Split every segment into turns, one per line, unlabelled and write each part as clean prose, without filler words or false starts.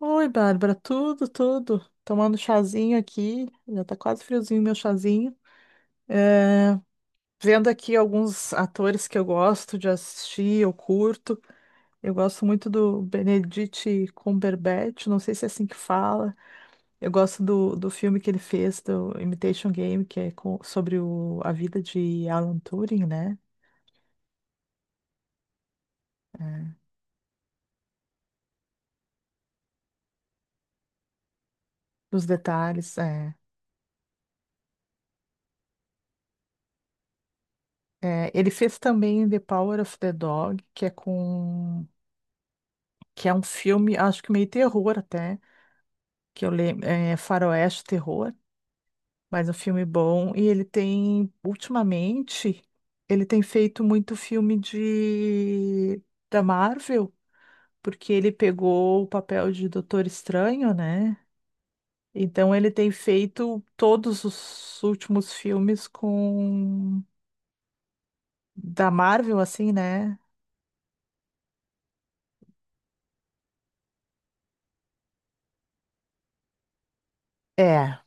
Oi, Bárbara, tudo, tudo. Tomando um chazinho aqui, já tá quase friozinho meu chazinho. É, vendo aqui alguns atores que eu gosto de assistir, eu curto. Eu gosto muito do Benedict Cumberbatch, não sei se é assim que fala. Eu gosto do filme que ele fez, do Imitation Game, que é sobre a vida de Alan Turing, né? É, os detalhes, é. É, ele fez também The Power of the Dog, que é um filme, acho que meio terror até, que eu lembro, é faroeste terror, mas um filme bom. E ele tem, ultimamente, ele tem feito muito filme de da Marvel, porque ele pegou o papel de Doutor Estranho, né? Então ele tem feito todos os últimos filmes com da Marvel, assim, né? É.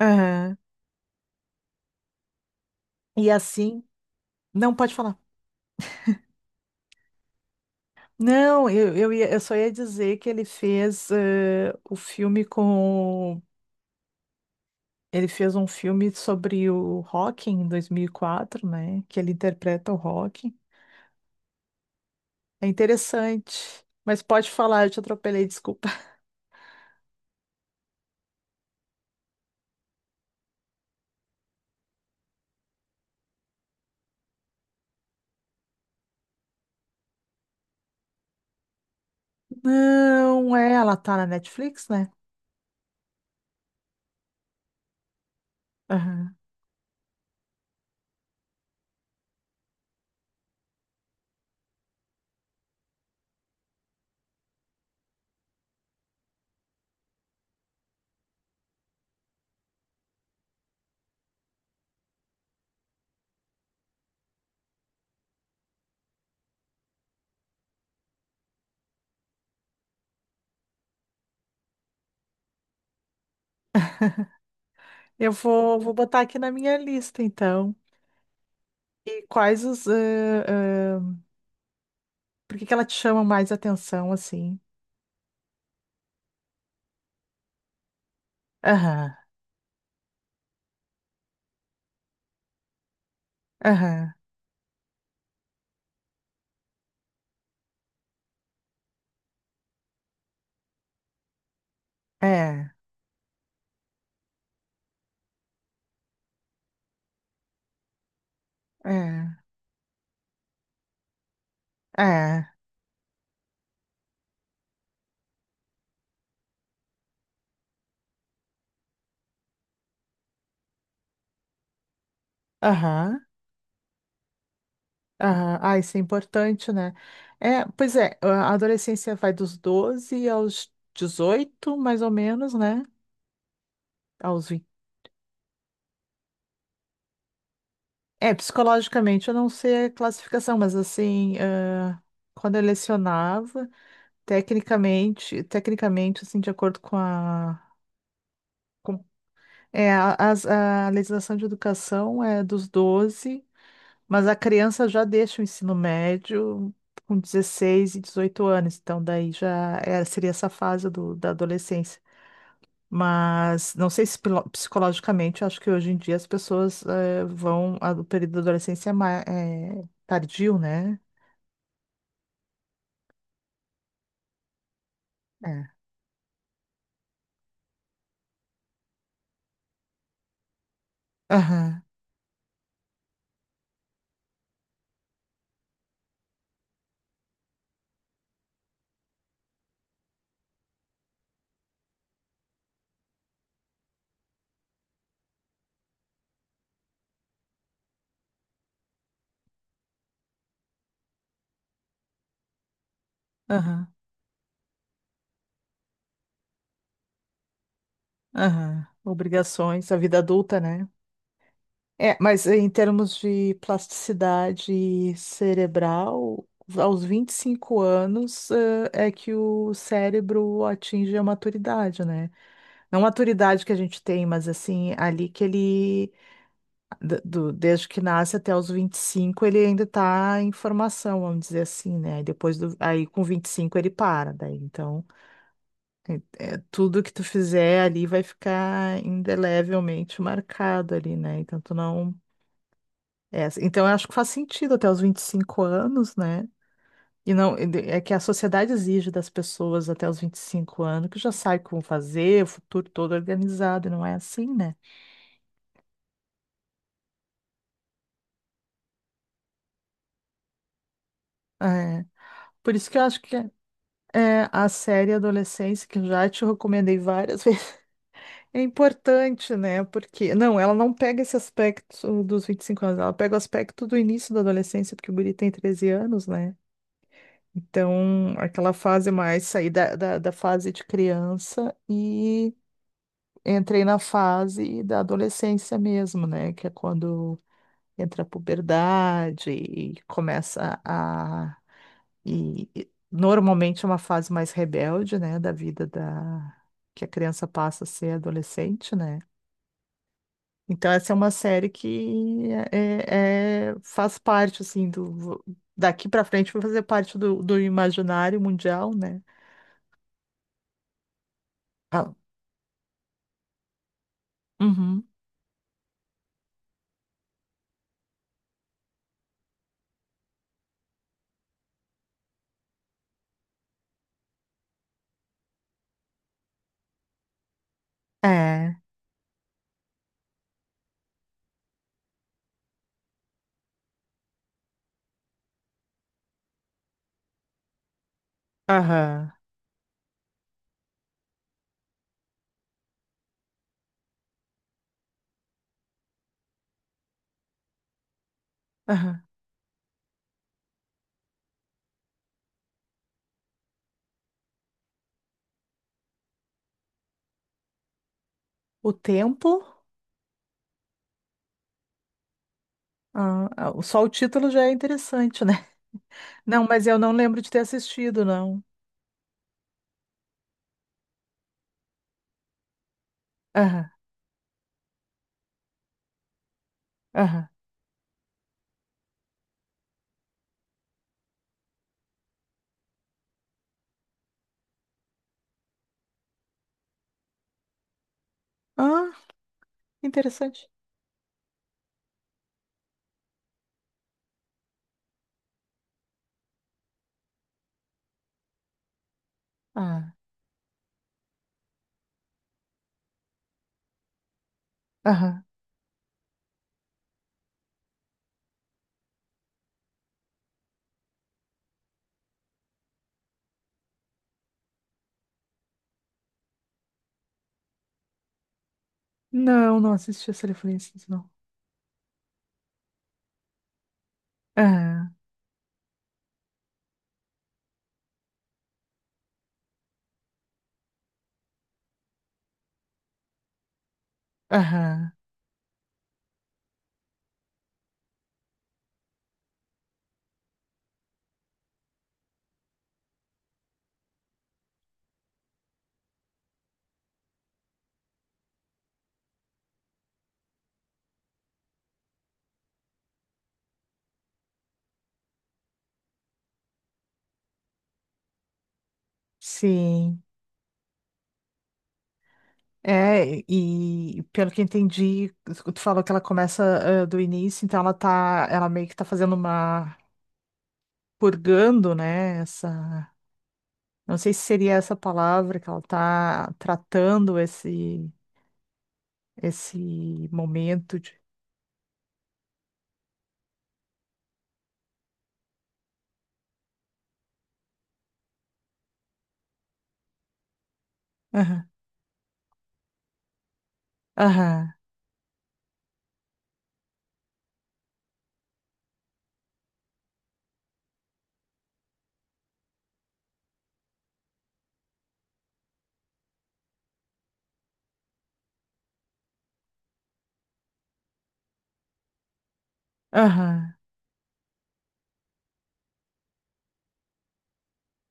Aham. E assim, não pode falar. Não, eu só ia dizer que ele fez o filme com. Ele fez um filme sobre o Rock em 2004, né? Que ele interpreta o Rock. É interessante. Mas pode falar, eu te atropelei, desculpa. Não, é, ela tá na Netflix, né? Aham. Eu vou botar aqui na minha lista, então. E quais os. Por que que ela te chama mais atenção, assim? Aham, aham. É, é, é. Aham. Aham. Ah, isso é importante, né? É, pois é, a adolescência vai dos 12 aos 18, mais ou menos, né? Aos 20. É, psicologicamente, eu não sei a classificação, mas assim, ah, quando eu lecionava, tecnicamente, tecnicamente, assim, de acordo com- a legislação de educação é dos 12. Mas a criança já deixa o ensino médio com 16 e 18 anos, então daí já seria essa fase da adolescência. Mas não sei se psicologicamente, eu acho que hoje em dia as pessoas vão. O período da adolescência é tardio, né? É. Aham, aham, aham. Obrigações, a vida adulta, né? É, mas em termos de plasticidade cerebral, aos 25 anos, é que o cérebro atinge a maturidade, né? Não a maturidade que a gente tem, mas assim, ali que ele, desde que nasce até os 25 ele ainda está em formação, vamos dizer assim, né? Aí com 25 ele para, daí então, é- tudo que tu fizer ali vai ficar indelevelmente marcado ali, né? Então tu não. É, então eu acho que faz sentido até os 25 anos, né? E não, é que a sociedade exige das pessoas até os 25 anos que já sabe como fazer, o futuro todo organizado, e não é assim, né? É, por isso que eu acho que é a série Adolescência, que eu já te recomendei várias vezes, é importante, né? Porque, não, ela não pega esse aspecto dos 25 anos, ela pega o aspecto do início da adolescência, porque o guri tem 13 anos, né? Então, aquela fase mais sair da fase de criança e entrei na fase da adolescência mesmo, né? Que é quando entra a puberdade e começa a. E normalmente é uma fase mais rebelde, né? Da vida da. Que a criança passa a ser adolescente, né? Então essa é uma série que faz parte, assim, do. Daqui pra frente vai fazer parte do imaginário mundial, né? Ah, uhum. É. Aham. Aham. O tempo. Ah, ah, só o título já é interessante, né? Não, mas eu não lembro de ter assistido, não. Aham, aham. Ah, interessante. Ah, aham. Não, não assisti a Telefonistas, não. Aham, aham. Sim. É, e pelo que entendi, tu falou que ela começa, ah, do início, então ela meio que tá fazendo uma, purgando, né, essa, não sei se seria essa palavra que ela tá tratando esse, esse momento de... Aham, aham,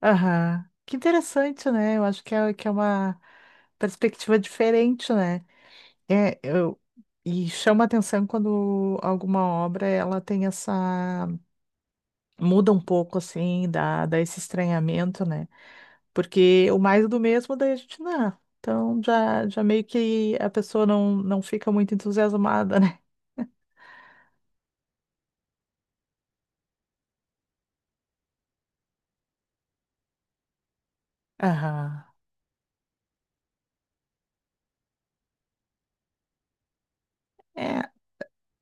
aham. Que interessante, né? Eu acho que é uma perspectiva diferente, né? É, eu, e chama atenção quando alguma obra ela tem essa. Muda um pouco, assim, dá esse estranhamento, né? Porque o mais do mesmo, daí a gente não. Então já meio que a pessoa não fica muito entusiasmada, né? Aham.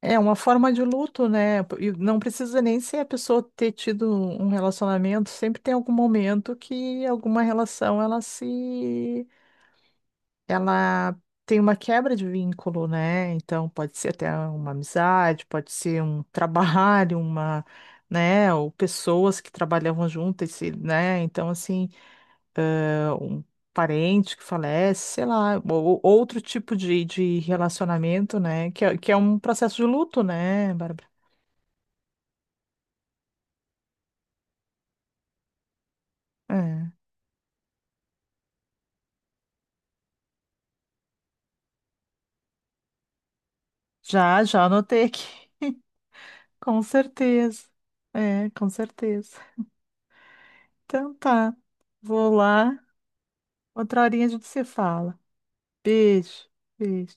É uma forma de luto, né? E não precisa nem ser a pessoa ter tido um relacionamento, sempre tem algum momento que alguma relação ela se ela tem uma quebra de vínculo, né? Então pode ser até uma amizade, pode ser um trabalho, uma, né, ou pessoas que trabalhavam juntas, né? Então assim, é um parente que falece, sei lá, ou outro tipo de relacionamento, né? Que é um processo de luto, né, Bárbara? É. Já, já anotei aqui. Com certeza. É, com certeza. Então tá. Vou lá. Outra horinha a gente se fala. Beijo. Beijo.